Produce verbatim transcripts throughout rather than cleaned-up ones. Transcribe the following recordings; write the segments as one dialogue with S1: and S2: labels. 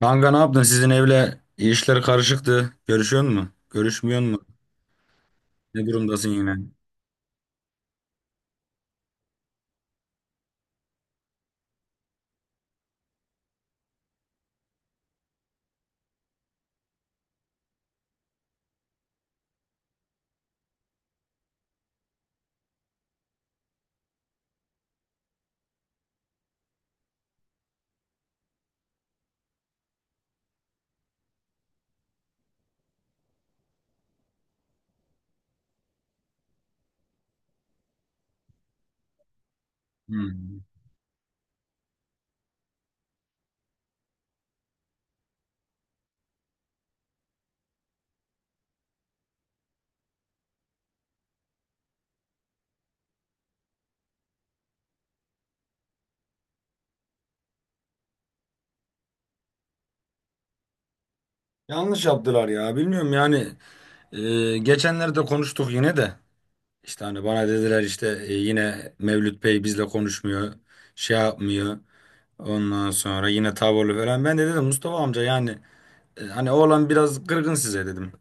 S1: Kanka ne yaptın? Sizin evle işler karışıktı. Görüşüyor musun? Görüşmüyor musun? Ne durumdasın yine? Hmm. Yanlış yaptılar ya. Bilmiyorum yani. E, geçenlerde konuştuk yine de. İşte hani bana dediler işte e, yine Mevlüt Bey bizle konuşmuyor. Şey yapmıyor. Ondan sonra yine tavırlı falan. Ben de dedim Mustafa amca yani e, hani oğlan biraz kırgın size dedim.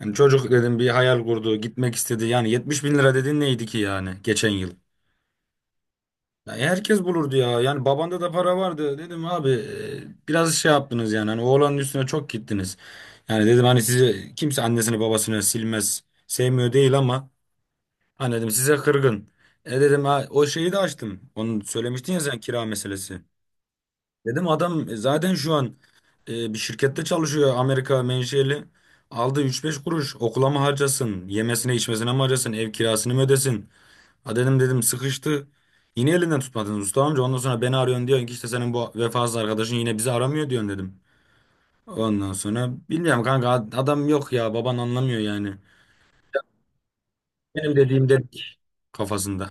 S1: Yani çocuk dedim bir hayal kurdu, gitmek istedi. Yani yetmiş bin lira dedin neydi ki yani geçen yıl? Ya herkes bulurdu ya. Yani babanda da para vardı. Dedim abi e, biraz şey yaptınız yani. Hani oğlanın üstüne çok gittiniz. Yani dedim hani sizi kimse annesini babasını silmez. Sevmiyor değil ama hani dedim size kırgın. E dedim ha, o şeyi de açtım. Onu söylemiştin ya sen kira meselesi. Dedim adam e, zaten şu an e, bir şirkette çalışıyor Amerika menşeli. Aldı üç beş kuruş okula mı harcasın? Yemesine içmesine mi harcasın? Ev kirasını mı ödesin? Ha dedim dedim sıkıştı. Yine elinden tutmadınız usta amca. Ondan sonra beni arıyorsun diyorsun ki işte senin bu vefasız arkadaşın yine bizi aramıyor diyorsun dedim. Ondan sonra bilmiyorum kanka ad- adam yok ya baban anlamıyor yani. Benim dediğim dedik kafasında.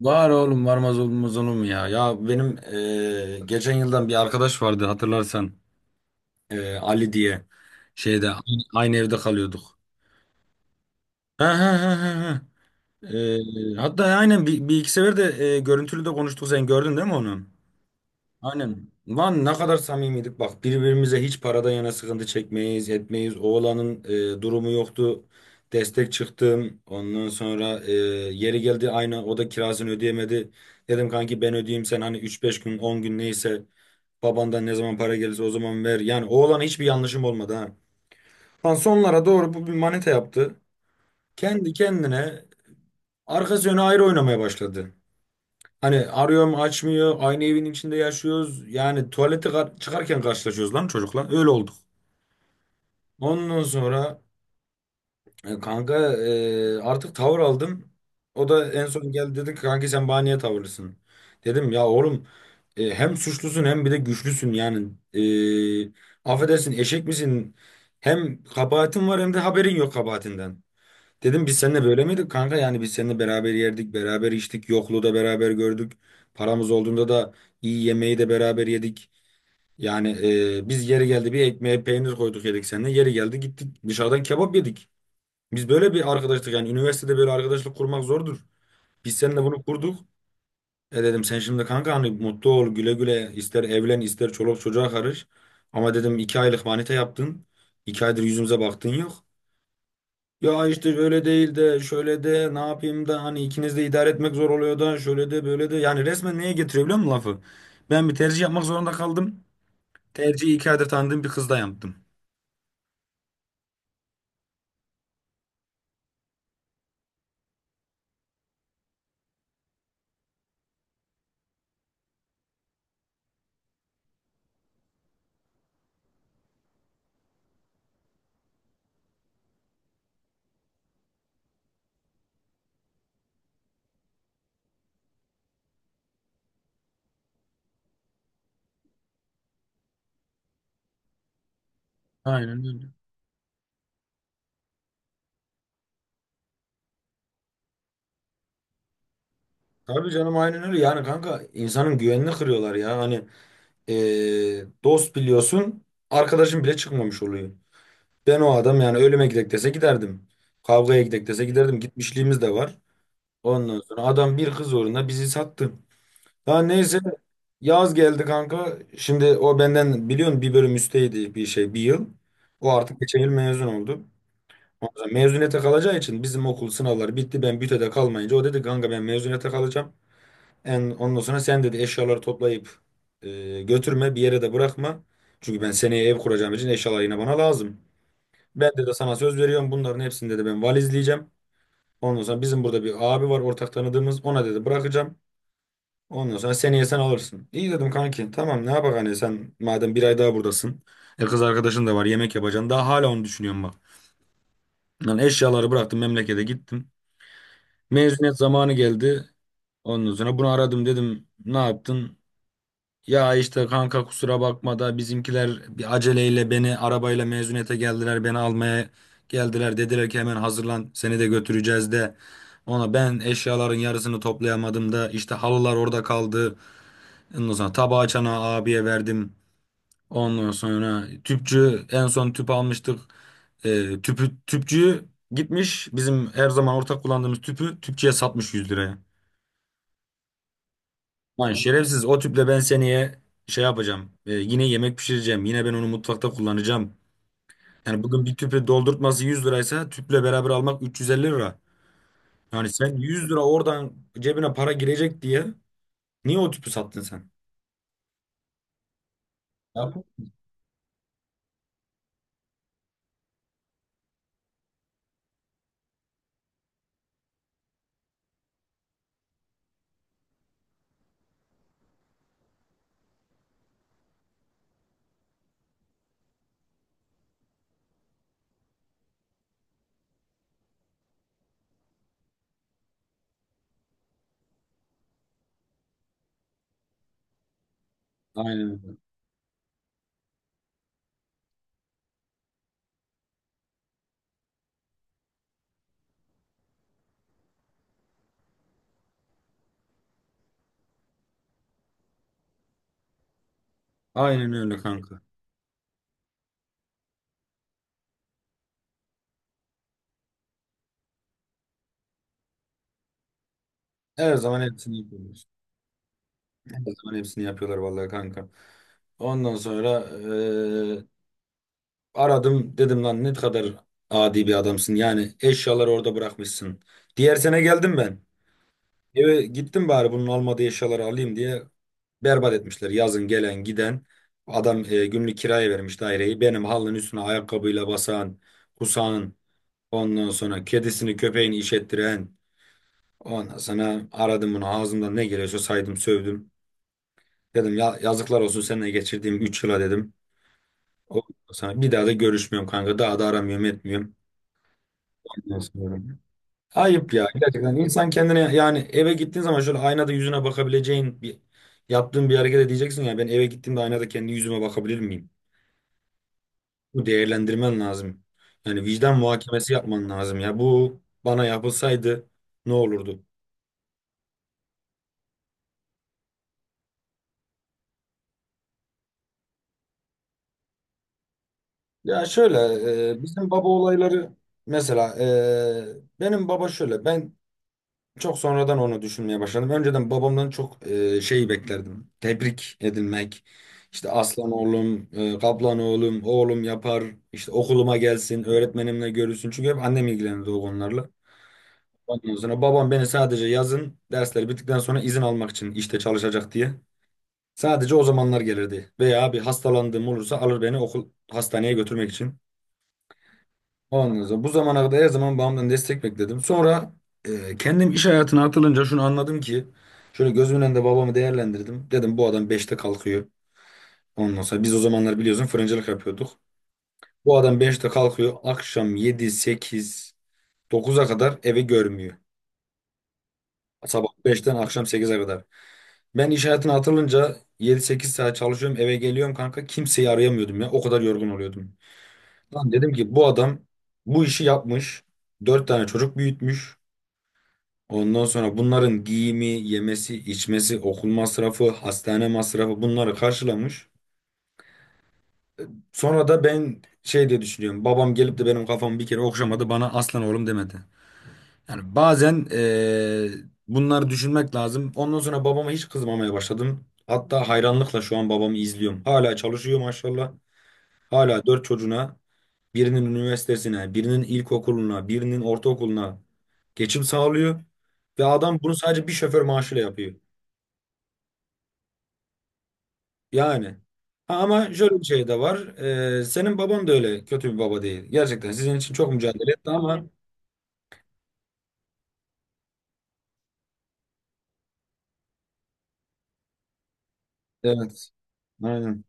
S1: Var oğlum varmaz olmaz olur mu ya? Ya benim eee, geçen yıldan bir arkadaş vardı hatırlarsan. Eee, Ali diye şeyde aynı aynı evde kalıyorduk. Ha ha ha ha. Ha. Eee, Hatta aynen bir, bir iki sefer de eee, görüntülü de konuştuk sen gördün değil mi onu? Aynen. Lan ne kadar samimiydik. Bak birbirimize hiç paradan yana sıkıntı çekmeyiz, etmeyiz. Oğlanın e, durumu yoktu. Destek çıktım. Ondan sonra e, yeri geldi aynı o da kirasını ödeyemedi. Dedim kanki ben ödeyeyim sen hani üç beş gün on gün neyse babandan ne zaman para gelirse o zaman ver. Yani oğlana hiçbir yanlışım olmadı ha. Lan sonlara doğru bu bir manita yaptı. Kendi kendine arkası yönü ayrı oynamaya başladı. Hani arıyorum açmıyor. Aynı evin içinde yaşıyoruz. Yani tuvalete kar- çıkarken karşılaşıyoruz lan çocukla. Öyle olduk. Ondan sonra e, kanka e, artık tavır aldım. O da en son geldi dedi ki kanki sen bana niye tavırlısın? Dedim ya oğlum e, hem suçlusun hem bir de güçlüsün yani. E, affedersin eşek misin? Hem kabahatin var hem de haberin yok kabahatinden. Dedim biz seninle böyle miydik kanka? Yani biz seninle beraber yerdik, beraber içtik, yokluğu da beraber gördük. Paramız olduğunda da iyi yemeği de beraber yedik. Yani e, biz yeri geldi bir ekmeğe peynir koyduk yedik seninle. Yeri geldi gittik dışarıdan kebap yedik. Biz böyle bir arkadaşlık yani üniversitede böyle arkadaşlık kurmak zordur. Biz seninle bunu kurduk. E dedim sen şimdi kanka hani mutlu ol güle güle ister evlen ister çoluk çocuğa karış. Ama dedim iki aylık manita yaptın. İki aydır yüzümüze baktın yok. Ya işte böyle değil de şöyle de ne yapayım da hani ikiniz de idare etmek zor oluyor da şöyle de böyle de yani resmen neye getiriyor biliyor musun lafı? Ben bir tercih yapmak zorunda kaldım. Tercihi iki aydır tanıdığım bir kızla yaptım. Aynen öyle. Tabii canım aynen öyle yani kanka insanın güvenini kırıyorlar ya hani eee, dost biliyorsun arkadaşım bile çıkmamış oluyor. Ben o adam yani ölüme gidek dese giderdim. Kavgaya gidek dese giderdim gitmişliğimiz de var. Ondan sonra adam bir kız uğruna bizi sattı. Daha neyse yaz geldi kanka. Şimdi o benden biliyorsun bir bölüm üsteydi bir şey bir yıl. O artık geçen yıl mezun oldu. Ondan sonra mezuniyete kalacağı için bizim okul sınavları bitti. Ben bütöde kalmayınca o dedi kanka ben mezuniyete kalacağım. En, ondan sonra sen dedi eşyaları toplayıp e, götürme bir yere de bırakma. Çünkü ben seneye ev kuracağım için eşyalar yine bana lazım. Ben de sana söz veriyorum bunların hepsini dedi ben valizleyeceğim. Ondan sonra bizim burada bir abi var ortak tanıdığımız ona dedi bırakacağım. Ondan sonra seneye sen alırsın. İyi dedim kanki. Tamam ne yapak hani sen madem bir ay daha buradasın. E kız arkadaşın da var yemek yapacaksın. Daha hala onu düşünüyorum bak. Lan eşyaları bıraktım memlekete gittim. Mezuniyet zamanı geldi. Ondan sonra bunu aradım dedim ne yaptın? Ya işte kanka kusura bakma da bizimkiler bir aceleyle beni arabayla mezuniyete geldiler. Beni almaya geldiler. Dediler ki hemen hazırlan seni de götüreceğiz de. Ona ben eşyaların yarısını toplayamadım da işte halılar orada kaldı. Ondan sonra tabağı çana abiye verdim. Ondan sonra tüpçü en son tüp almıştık. Ee, tüpü tüpçüyü gitmiş bizim her zaman ortak kullandığımız tüpü tüpçüye satmış yüz liraya. Lan şerefsiz o tüple ben seneye şey yapacağım. Ee, yine yemek pişireceğim. Yine ben onu mutfakta kullanacağım. Yani bugün bir tüpü doldurtması yüz liraysa tüple beraber almak üç yüz elli lira. Yani sen yüz lira oradan cebine para girecek diye niye o tüpü sattın sen? Yap. Aynen öyle. Aynen öyle kanka. Her zaman hepsini yapıyoruz. Her zaman hepsini yapıyorlar vallahi kanka. Ondan sonra eee, aradım dedim lan ne kadar adi bir adamsın. Yani eşyaları orada bırakmışsın. Diğer sene geldim ben. Eve gittim bari bunun olmadığı eşyaları alayım diye berbat etmişler. Yazın gelen giden adam eee, günlük kiraya vermiş daireyi. Benim halının üstüne ayakkabıyla basan, kusan, ondan sonra kedisini köpeğini işettiren. Ondan sonra aradım bunu ağzımdan ne geliyorsa saydım sövdüm. Dedim ya yazıklar olsun seninle geçirdiğim üç yıla dedim. O, sana bir daha da görüşmüyorum kanka. Daha da aramıyorum etmiyorum. Ondan sonra- Ayıp ya gerçekten. İnsan kendine yani eve gittiğin zaman şöyle aynada yüzüne bakabileceğin bir yaptığın bir hareket edeceksin ya ben eve gittiğimde aynada kendi yüzüme bakabilir miyim? Bu değerlendirmen lazım. Yani vicdan muhakemesi yapman lazım ya. Bu bana yapılsaydı ne olurdu? Ya şöyle e, bizim baba olayları mesela e, benim baba şöyle ben çok sonradan onu düşünmeye başladım. Önceden babamdan çok e, şey beklerdim. Tebrik edilmek. İşte aslan oğlum, e, kaplan oğlum, oğlum yapar. İşte okuluma gelsin, öğretmenimle görüşsün. Çünkü hep annem ilgilenirdi o konularla. Ondan sonra babam beni sadece yazın dersleri bittikten sonra izin almak için işte çalışacak diye. Sadece o zamanlar gelirdi. Veya bir hastalandığım olursa alır beni okul hastaneye götürmek için. Ondan sonra bu zamana kadar her zaman babamdan destek bekledim. Sonra e, kendim iş hayatına atılınca şunu anladım ki şöyle gözümün önünde babamı değerlendirdim. Dedim bu adam beşte kalkıyor. Ondan sonra biz o zamanlar biliyorsun fırıncılık yapıyorduk. Bu adam beşte kalkıyor. Akşam yedi sekiz dokuza kadar evi görmüyor. Sabah beşten akşam sekize kadar. Ben iş hayatına atılınca yedi sekiz saat çalışıyorum eve geliyorum kanka. Kimseyi arayamıyordum ya. O kadar yorgun oluyordum. Lan dedim ki bu adam bu işi yapmış. Dört tane çocuk büyütmüş. Ondan sonra bunların giyimi, yemesi, içmesi, okul masrafı, hastane masrafı bunları karşılamış. Sonra da ben şey diye düşünüyorum. Babam gelip de benim kafamı bir kere okşamadı, bana aslan oğlum demedi. Yani bazen eee, bunları düşünmek lazım. Ondan sonra babama hiç kızmamaya başladım. Hatta hayranlıkla şu an babamı izliyorum. Hala çalışıyor maşallah. Hala dört çocuğuna, birinin üniversitesine, birinin ilkokuluna, birinin ortaokuluna geçim sağlıyor. Ve adam bunu sadece bir şoför maaşıyla yapıyor. Yani. Ha, ama şöyle bir şey de var. Ee, senin baban da öyle kötü bir baba değil. Gerçekten sizin için çok mücadele etti ama evet. Aynen.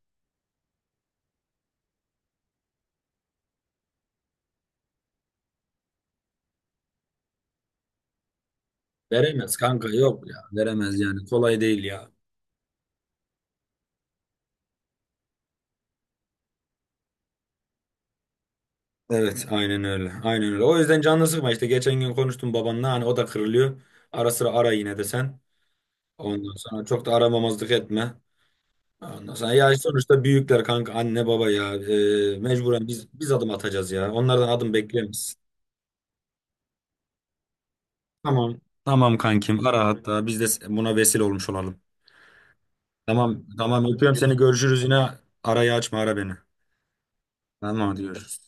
S1: Veremez kanka yok ya. Veremez yani. Kolay değil ya. Evet aynen öyle. Aynen öyle. O yüzden canını sıkma işte. Geçen gün konuştum babanla. Hani o da kırılıyor. Ara sıra ara yine de sen. Ondan sonra çok da aramamazlık etme. Ondan sonra ya sonuçta büyükler kanka anne baba ya. Ee, mecburen biz biz adım atacağız ya. Onlardan adım bekleyemeyiz. Tamam. Tamam kankim ara hatta biz de buna vesile olmuş olalım. Tamam tamam öpüyorum seni görüşürüz yine arayı açma ara beni. Tamam hadi görüşürüz.